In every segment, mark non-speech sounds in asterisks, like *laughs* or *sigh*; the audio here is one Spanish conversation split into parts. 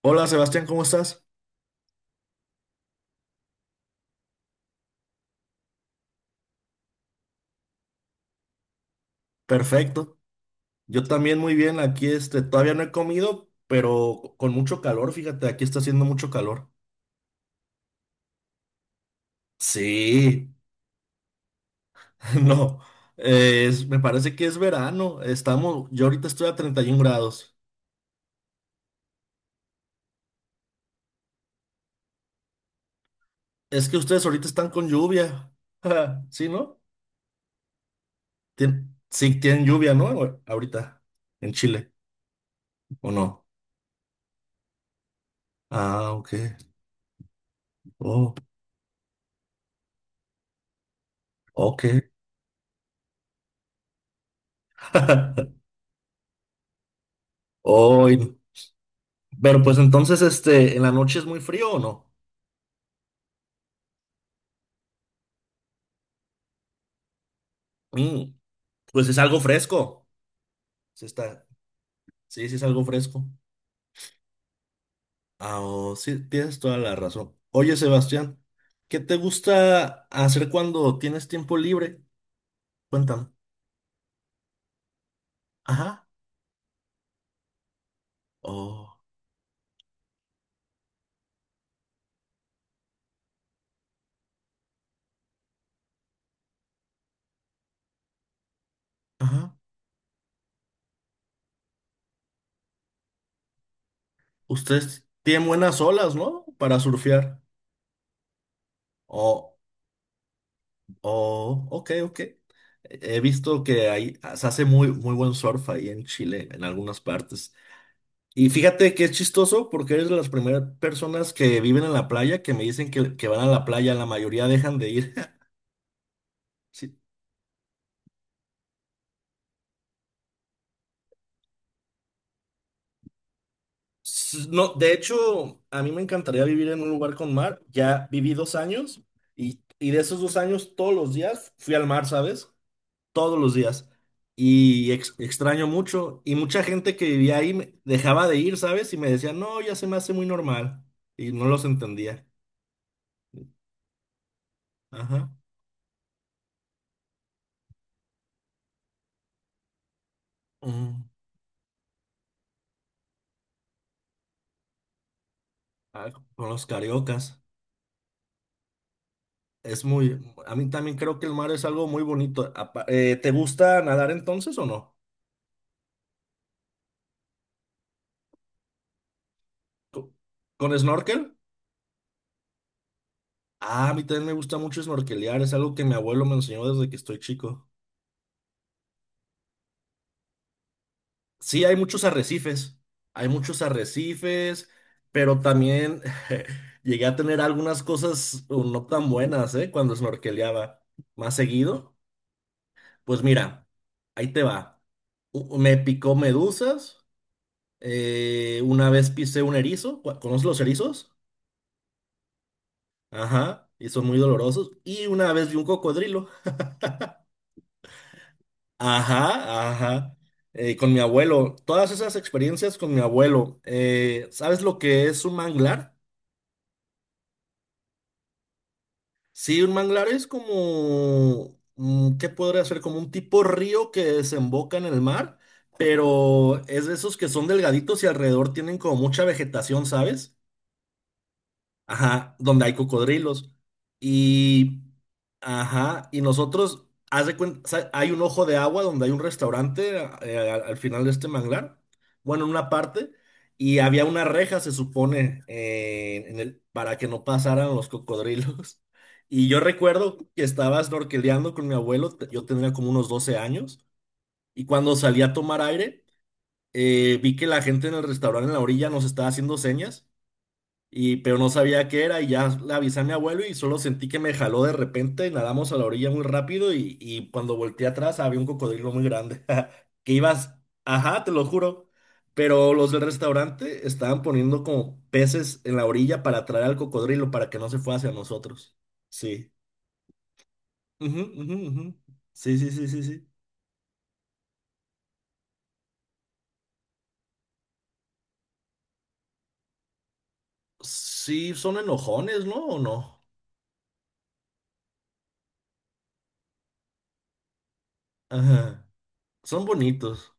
Hola Sebastián, ¿cómo estás? Perfecto. Yo también muy bien. Aquí todavía no he comido, pero con mucho calor. Fíjate, aquí está haciendo mucho calor. Sí, *laughs* no. Me parece que es verano. Yo ahorita estoy a 31 grados. Es que ustedes ahorita están con lluvia. *laughs* ¿Sí, no? Sí, tienen lluvia, ¿no? Ahorita, en Chile, ¿o no? Ah, ok. Oh, ok. *laughs* Hoy. Pero pues entonces, ¿en la noche es muy frío o no? Mm, pues es algo fresco. Se está, sí, sí es algo fresco. Ah, oh, sí, tienes toda la razón. Oye, Sebastián, ¿qué te gusta hacer cuando tienes tiempo libre? Cuéntame. Ajá. Oh, ajá. Ustedes tienen buenas olas, ¿no? Para surfear. Oh, oh, ok, ok. He visto que ahí se hace muy, muy buen surf ahí en Chile, en algunas partes. Y fíjate que es chistoso porque eres de las primeras personas que viven en la playa que me dicen que van a la playa, la mayoría dejan de ir. *laughs* Sí. No, de hecho, a mí me encantaría vivir en un lugar con mar. Ya viví 2 años y de esos 2 años todos los días fui al mar, ¿sabes? Todos los días. Y extraño mucho. Y mucha gente que vivía ahí dejaba de ir, ¿sabes? Y me decía, no, ya se me hace muy normal. Y no los entendía. Ajá. Mm. Ah, con los cariocas. Es muy, a mí también creo que el mar es algo muy bonito. ¿Te gusta nadar entonces o no? Co- ¿Con snorkel? Ah, a mí también me gusta mucho snorkelear, es algo que mi abuelo me enseñó desde que estoy chico. Sí, hay muchos arrecifes, pero también *laughs* llegué a tener algunas cosas o no tan buenas, ¿eh? Cuando snorkeleaba más seguido. Pues mira, ahí te va. Me picó medusas. Una vez pisé un erizo. ¿Conoces los erizos? Ajá. Y son muy dolorosos. Y una vez vi un cocodrilo. Ajá, ajá. Con mi abuelo. Todas esas experiencias con mi abuelo. ¿Sabes lo que es un manglar? Sí, un manglar es como ¿qué podría ser? Como un tipo río que desemboca en el mar. Pero es de esos que son delgaditos y alrededor tienen como mucha vegetación, ¿sabes? Ajá, donde hay cocodrilos. Y, ajá, y nosotros, haz de cuenta, hay un ojo de agua donde hay un restaurante, al, final de este manglar, bueno, en una parte, y había una reja, se supone, para que no pasaran los cocodrilos. *laughs* Y yo recuerdo que estaba snorkeleando con mi abuelo, yo tenía como unos 12 años, y cuando salí a tomar aire, vi que la gente en el restaurante en la orilla nos estaba haciendo señas y pero no sabía qué era y ya le avisé a mi abuelo y solo sentí que me jaló de repente, nadamos a la orilla muy rápido y cuando volteé atrás había un cocodrilo muy grande, *laughs* que ibas, ajá, te lo juro, pero los del restaurante estaban poniendo como peces en la orilla para atraer al cocodrilo para que no se fuera hacia nosotros. Sí. Ujú, ujú, ujú. Sí, sí, sí, sí, sí. Sí, son enojones, ¿no? ¿O no? Ajá. Son bonitos.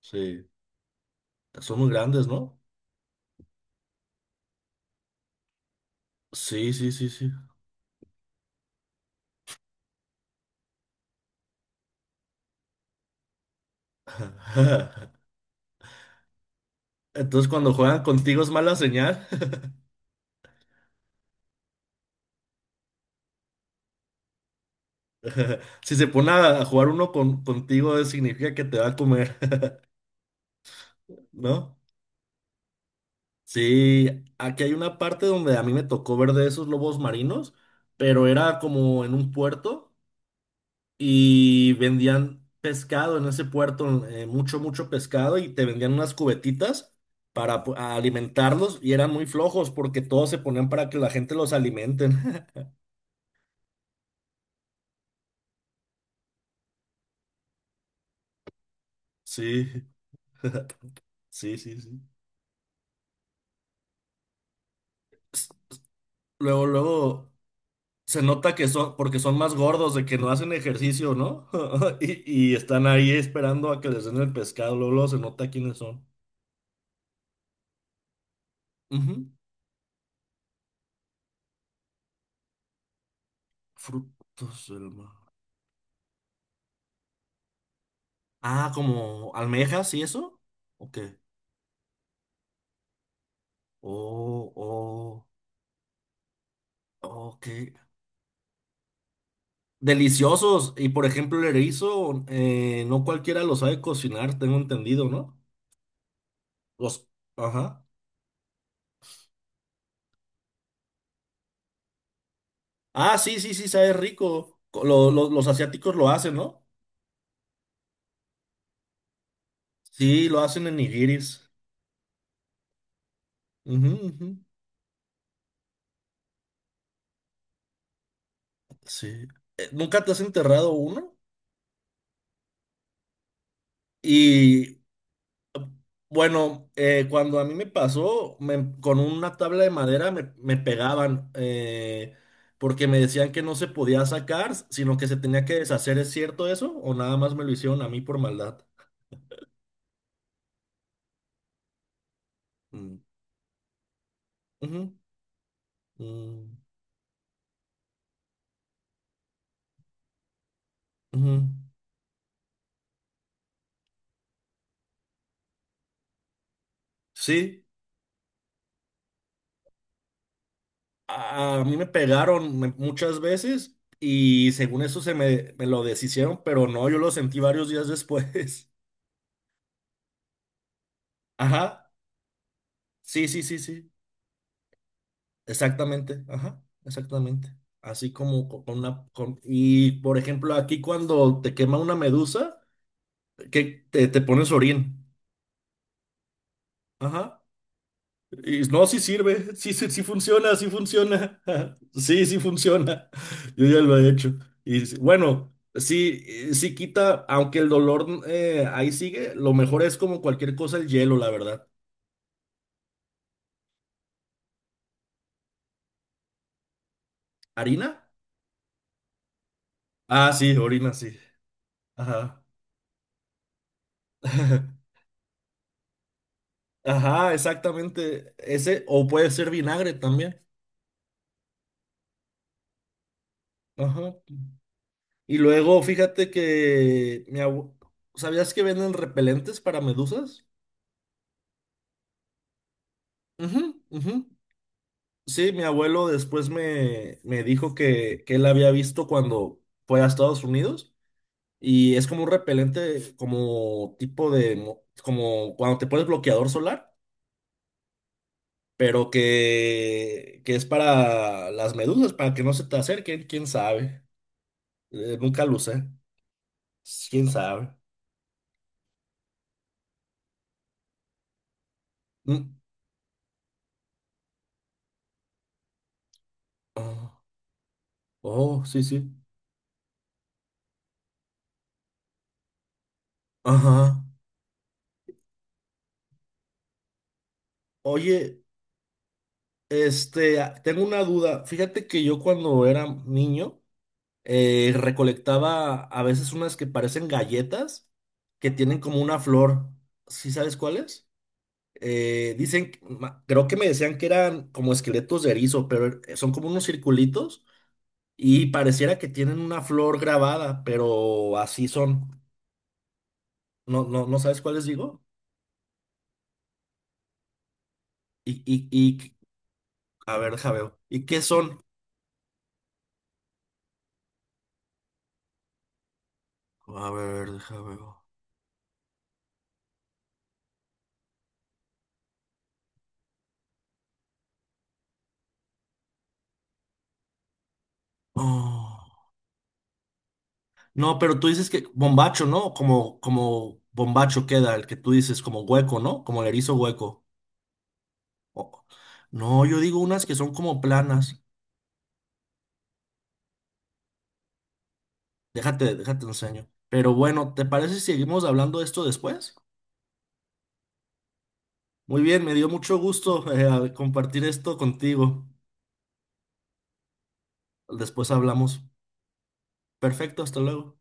Sí. Son muy grandes, ¿no? Sí, sí, sí, sí. *laughs* Entonces, cuando juegan contigo es mala señal. *laughs* Si se pone a jugar uno contigo, significa que te va a comer, *laughs* ¿no? Sí, aquí hay una parte donde a mí me tocó ver de esos lobos marinos, pero era como en un puerto y vendían pescado en ese puerto, mucho, mucho pescado y te vendían unas cubetitas para a alimentarlos y eran muy flojos porque todos se ponían para que la gente los alimenten. *laughs* Sí, *laughs* sí, sí, sí. Luego, luego se nota que son, porque son más gordos, de que no hacen ejercicio, ¿no? *laughs* Y están ahí esperando a que les den el pescado. Luego, luego se nota quiénes son. Ujú. Frutos del mar. Ah, como almejas y eso. Ok. Oh, oh, ok. Deliciosos. Y por ejemplo, el erizo, no cualquiera lo sabe cocinar, tengo entendido, ¿no? Los, ajá. Ah, sí, sí, sí, sabe rico. Los asiáticos lo hacen, ¿no? Sí, lo hacen en nigiris. Ujú, ujú. Sí. ¿Nunca te has enterrado uno? Y bueno, cuando a mí me pasó, con una tabla de madera me pegaban, porque me decían que no se podía sacar, sino que se tenía que deshacer. ¿Es cierto eso? ¿O nada más me lo hicieron a mí por maldad? Mm, ujú, mm, ujú. Sí. A mí me pegaron muchas veces y según eso se me lo deshicieron, pero no, yo lo sentí varios días después. *laughs* Ajá, sí, sí, sí, sí, exactamente, ajá, exactamente. Así como con una, y por ejemplo, aquí cuando te quema una medusa, que te pones orín. Ajá. Y no, sí sirve, sí, sí, sí funciona, *laughs* sí, sí funciona, yo ya lo he hecho. Y bueno, sí, sí quita, aunque el dolor ahí sigue, lo mejor es como cualquier cosa el hielo, la verdad. ¿Harina? Ah, sí, orina, sí. Ajá. *laughs* Ajá, exactamente. Ese, o puede ser vinagre también. Ajá. Y luego, fíjate que ¿sabías que venden repelentes para medusas? Ujú, ujú. Sí, mi abuelo después me dijo que él había visto cuando fue a Estados Unidos y es como un repelente, como tipo como cuando te pones bloqueador solar, pero que es para las medusas, para que no se te acerquen, quién sabe. Nunca lo usé, quién sabe. Mm, ah, oh, sí, sí. Ajá. Oye, tengo una duda. Fíjate que yo cuando era niño, recolectaba a veces unas que parecen galletas, que tienen como una flor. ¿Sí sabes cuáles? Creo que me decían que eran como esqueletos de erizo, pero son como unos circulitos y pareciera que tienen una flor grabada, pero así son. ¿No, no, no sabes cuáles digo? Y, y, y, a ver, deja veo. ¿Y qué son? A ver, deja veo. Oh. No, pero tú dices que bombacho, ¿no? Como bombacho queda, el que tú dices, como hueco, ¿no? Como el erizo hueco. O- No, yo digo unas que son como planas. Déjate enseño. Pero bueno, ¿te parece si seguimos hablando de esto después? Muy bien, me dio mucho gusto, compartir esto contigo. Después hablamos. Perfecto, hasta luego.